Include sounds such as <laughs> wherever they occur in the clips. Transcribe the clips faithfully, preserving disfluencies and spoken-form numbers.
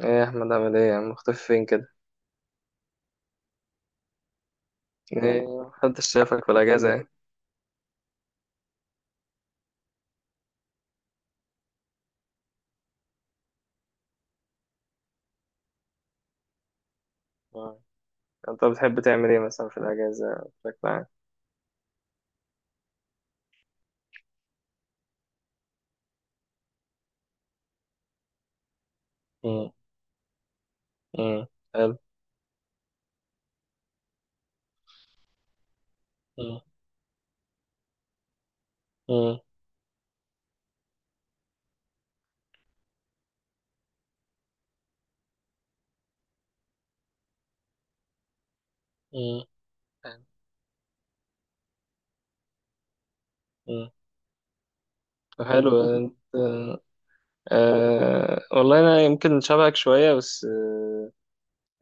ايه يا احمد، عامل ايه يا عم؟ مختفي فين كده؟ والله ايه؟ محدش شافك في الاجازه يعني؟ آه. انت بتحب تعمل ايه مثلا في الاجازه بشكل عام؟ مم. مم. حلو. مم. مم. مم. حلو. مم. حلو، انت... آه والله انا يمكن شبهك شويه بس آه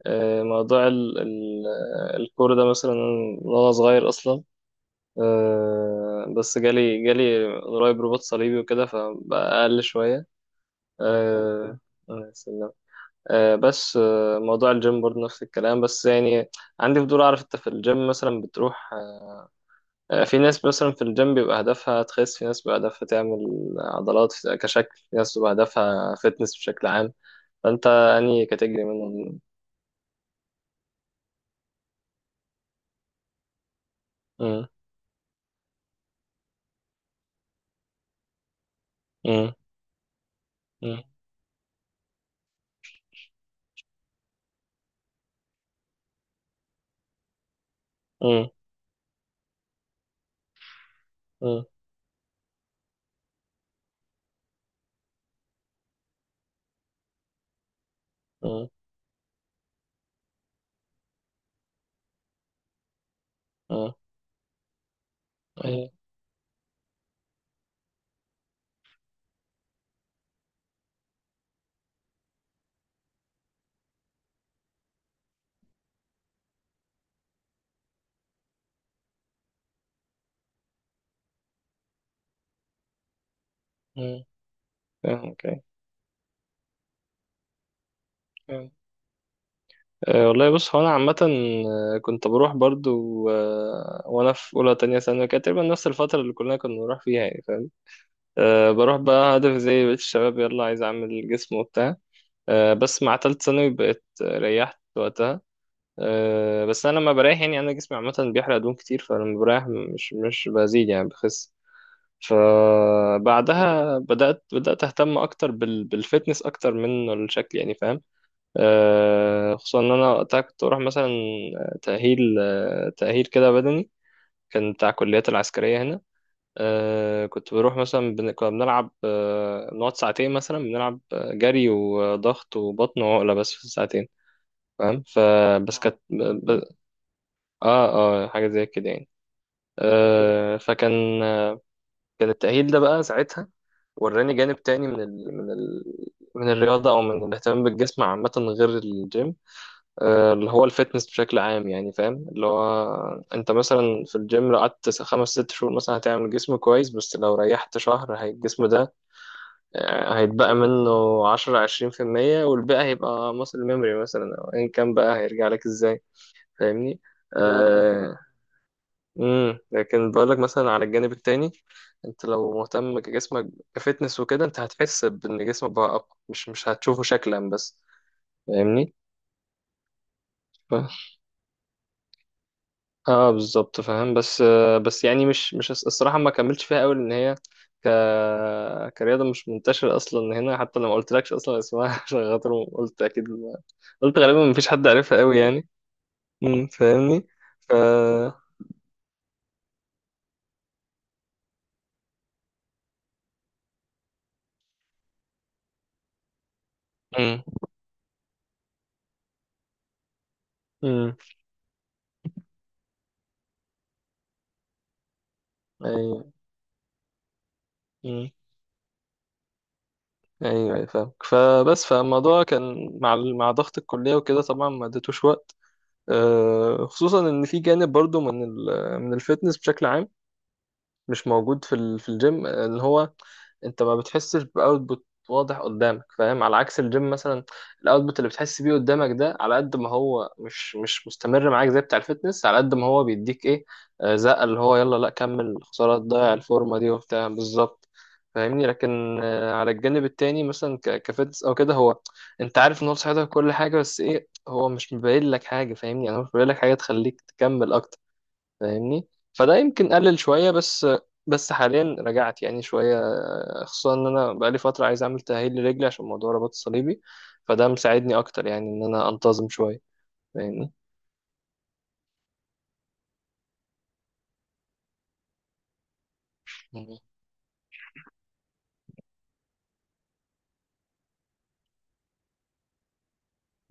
آه، موضوع ال ال آه، الكوره ده مثلا من وانا صغير اصلا. آه بس جالي جالي قريب رباط صليبي وكده، فبقى اقل شويه. آه آه. بس آه، موضوع الجيم برضه نفس الكلام، بس يعني عندي فضول اعرف انت في الجيم مثلا بتروح. آه، في ناس مثلا في الجيم بيبقى هدفها تخس، في ناس بيبقى هدفها تعمل عضلات في- كشكل، في ناس بيبقى هدفها فتنس بشكل عام. فانت انهي كاتيجوري منهم؟ مم، مم، مم، مم، مم، مم، مم، أيوة، مم، فاهم، اوكي. فاهم. آه، والله بص هو انا عامة، آه، كنت بروح برضو آه، وانا في اولى تانية ثانوي كانت تقريبا نفس الفترة اللي كلنا كنا بنروح فيها، يعني فاهم. أه بروح بقى هدف زي بقية الشباب، يلا عايز أعمل جسم وبتاع. أه بس مع تالت ثانوي بقيت ريحت وقتها. أه بس أنا لما بريح، يعني أنا جسمي عامة بيحرق دهون كتير، فلما بريح مش مش بزيد يعني بخس. فبعدها بدأت بدأت أهتم أكتر بال بالفتنس أكتر من الشكل، يعني فاهم. أه خصوصا إن أنا وقتها كنت بروح مثلا تأهيل، آه، تأهيل كده بدني، كان بتاع الكليات العسكرية هنا. آه كنت بروح مثلا بن... كنا بنلعب آه نقعد ساعتين مثلا، بنلعب آه، جري وضغط وبطن وعقلة بس في الساعتين. فاهم، فبس اه كانت ب... ب... اه اه حاجة زي كده يعني. آه فكان كان التأهيل ده بقى ساعتها، وراني جانب تاني من ال... من ال... من الرياضة أو من الاهتمام بالجسم عامة غير الجيم. آه، اللي هو الفتنس بشكل عام، يعني فاهم، اللي هو أنت مثلا في الجيم لو قعدت خمس ست شهور مثلا هتعمل جسم كويس، بس لو ريحت شهر هي الجسم ده هيتبقى منه عشرة عشرين في المية، والباقي هيبقى muscle memory مثلا أو أيا كان، بقى هيرجع لك إزاي، فاهمني؟ آه. مم. لكن بقولك مثلا على الجانب التاني، أنت لو مهتم كجسمك كفتنس وكده، أنت هتحس بإن جسمك بقى أقوى، مش مش هتشوفه شكلا بس، فاهمني؟ اه بالظبط فاهم. بس بس يعني مش مش الصراحه ما كملتش فيها قوي، لان هي ك كرياضه مش منتشره اصلا هنا، حتى لما قلت لكش اصلا اسمها <laughs> عشان خاطر قلت اكيد ما... قلت غالبا ما فيش حد عارفها قوي يعني. امم، فاهمني. ف <laughs> امم. امم. ايوه. امم. ايوه، أيوة، فاهمك، فبس فالموضوع كان مع ال- مع ضغط الكليه وكده، طبعا ما اديتوش وقت. آه، خصوصا ان في جانب برضو من ال... من الفتنس بشكل عام، مش موجود في ال... في الجيم، ان هو انت ما بتحسش باوتبوت واضح قدامك فاهم، على عكس الجيم مثلا الاوتبوت اللي بتحس بيه قدامك ده، على قد ما هو مش مش مستمر معاك زي بتاع الفتنس، على قد ما هو بيديك ايه، آه، زقه اللي هو يلا لا كمل، خساره تضيع الفورمه دي وبتاع بالظبط، فاهمني. لكن آه، على الجانب التاني مثلا ك- كفتنس او كده، هو انت عارف ان هو صحتك كل حاجه، بس ايه هو مش مبين لك حاجه، فاهمني، انا مش مبين لك حاجه تخليك تكمل اكتر، فاهمني، فده يمكن قلل شوية بس. بس حاليا رجعت يعني شوية، خصوصا ان انا بقالي فترة عايز اعمل تأهيل لرجلي عشان موضوع الرباط الصليبي، فده مساعدني اكتر يعني ان انا انتظم شوية، فاهمني.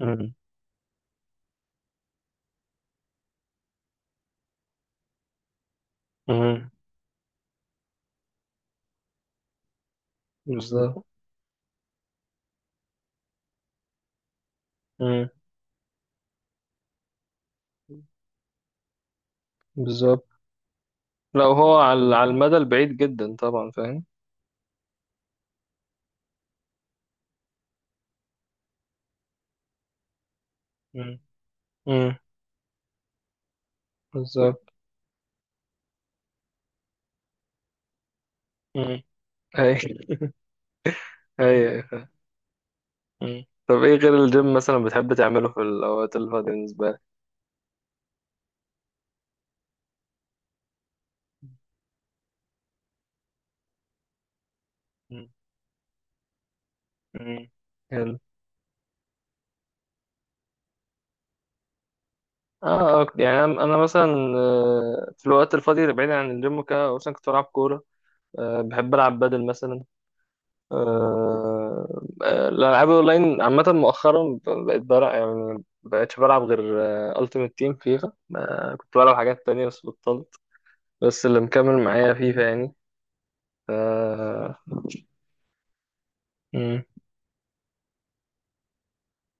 مم. مم. بالظبط. مم. بالظبط، لو هو على على المدى البعيد جدا طبعا فاهم. مم. مم. بالظبط. مم. اي. اي أي. مم. طب ايه غير الجيم مثلا بتحب تعمله في الاوقات اللي فاضية بالنسبة لك؟ مم. مم. حلو. اه، آه، يعني انا أنا مثلا آه، في الوقت الفاضي اللي بعيد عن الجيم وكده، مثلا كنت بلعب كوره، آه، بحب العب بدل مثلا، آه، آه، الالعاب اونلاين عامه مؤخرا بقيت بلعب، يعني بقيتش بلعب غير التيمت تيم فيفا. آه، كنت بلعب حاجات تانية بس بطلت، بس اللي مكمل معايا فيفا يعني. ف مم،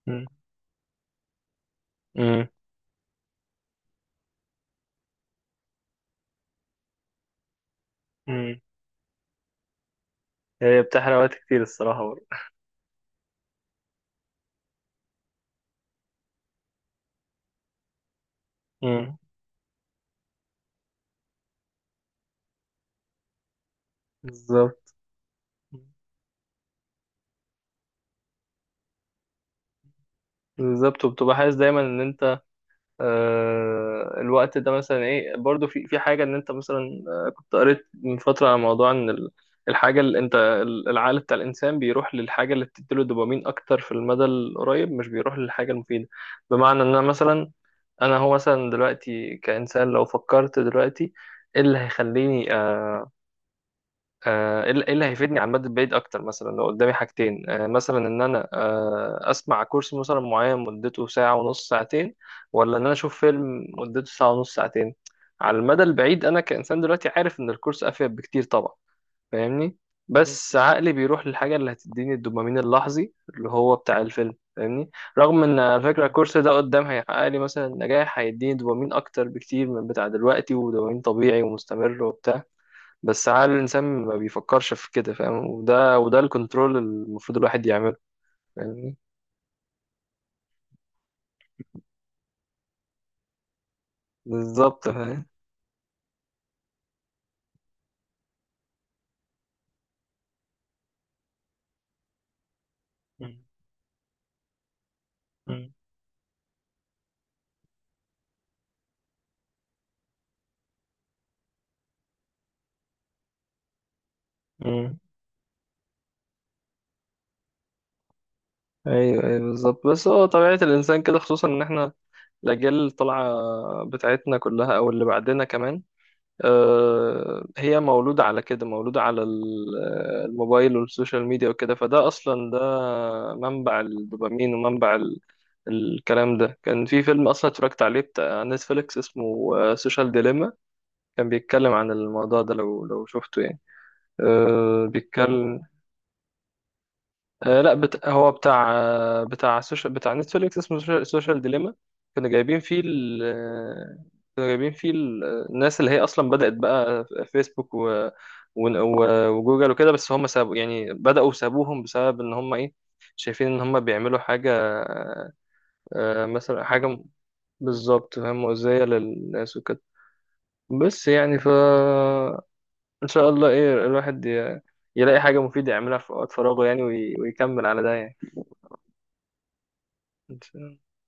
مم، مم، مم. هي بتحرق وقت كتير الصراحه برضه. مم، بالظبط. بالظبط، وبتبقى حاسس دايما ان انت آه، الوقت ده مثلا ايه، برضو في في حاجه، ان انت مثلا آه، كنت قريت من فتره عن موضوع ان ال- الحاجه اللي انت ال- العقل بتاع الانسان بيروح للحاجه اللي بتديله دوبامين اكتر في المدى القريب، مش بيروح للحاجه المفيده. بمعنى ان انا مثلا، انا هو مثلا دلوقتي كانسان لو فكرت دلوقتي ايه اللي هيخليني آه، آه، ايه اللي إيه اللي هيفيدني على المدى البعيد اكتر، مثلا لو قدامي حاجتين آه، مثلا ان انا آه، اسمع كورس مثلا معين مدته ساعة ونص ساعتين، ولا ان انا اشوف فيلم مدته ساعة ونص ساعتين، على المدى البعيد انا كإنسان دلوقتي عارف ان الكورس افيد بكتير طبعا، فاهمني. بس عقلي بيروح للحاجة اللي هتديني الدوبامين اللحظي اللي هو بتاع الفيلم، فاهمني، رغم ان على فكرة الكورس ده قدام هيحقق لي مثلا نجاح، هيديني دوبامين اكتر بكتير من بتاع دلوقتي، ودوبامين طبيعي ومستمر وبتاع. بس عقل الإنسان ما بيفكرش في كده، فاهم، وده وده الكنترول المفروض الواحد يعمله، فاهمني. بالظبط فاهم. مم. مم. مم. أيوه، أيوه، بالظبط، بس هو طبيعة الإنسان كده، خصوصا إن إحنا الأجيال اللي طالعة بتاعتنا كلها أو اللي بعدنا كمان، آه، هي مولودة على كده، مولودة على ال- الموبايل والسوشيال ميديا وكده، فده أصلا ده منبع الدوبامين ومنبع ال- الكلام ده كان في فيلم أصلا اتفرجت عليه بتاع نتفليكس اسمه سوشيال ديليما، كان بيتكلم عن الموضوع ده، لو لو شفته يعني. أه بيتكلم. أه لا بت... هو بتاع آه، بتاع سوشيال بتاع نتفليكس اسمه سوشيال, سوشيال ديليما، كانوا جايبين فيه ال... آه، كانوا جايبين فيه ال- آه، الناس اللي هي اصلا بدأت بقى فيسبوك و... و... و- وجوجل وكده، بس هم سابوا، يعني بدأوا سابوهم بسبب ان هم ايه، شايفين ان هم بيعملوا حاجة، آه، مثلا حاجة بالظبط فاهم مؤذية للناس وكده، بس يعني ف. ان شاء الله ايه، الواحد ي- يلاقي حاجة مفيدة يعملها في وقت فراغه، يعني وي- ويكمل على ده يعني. إن شاء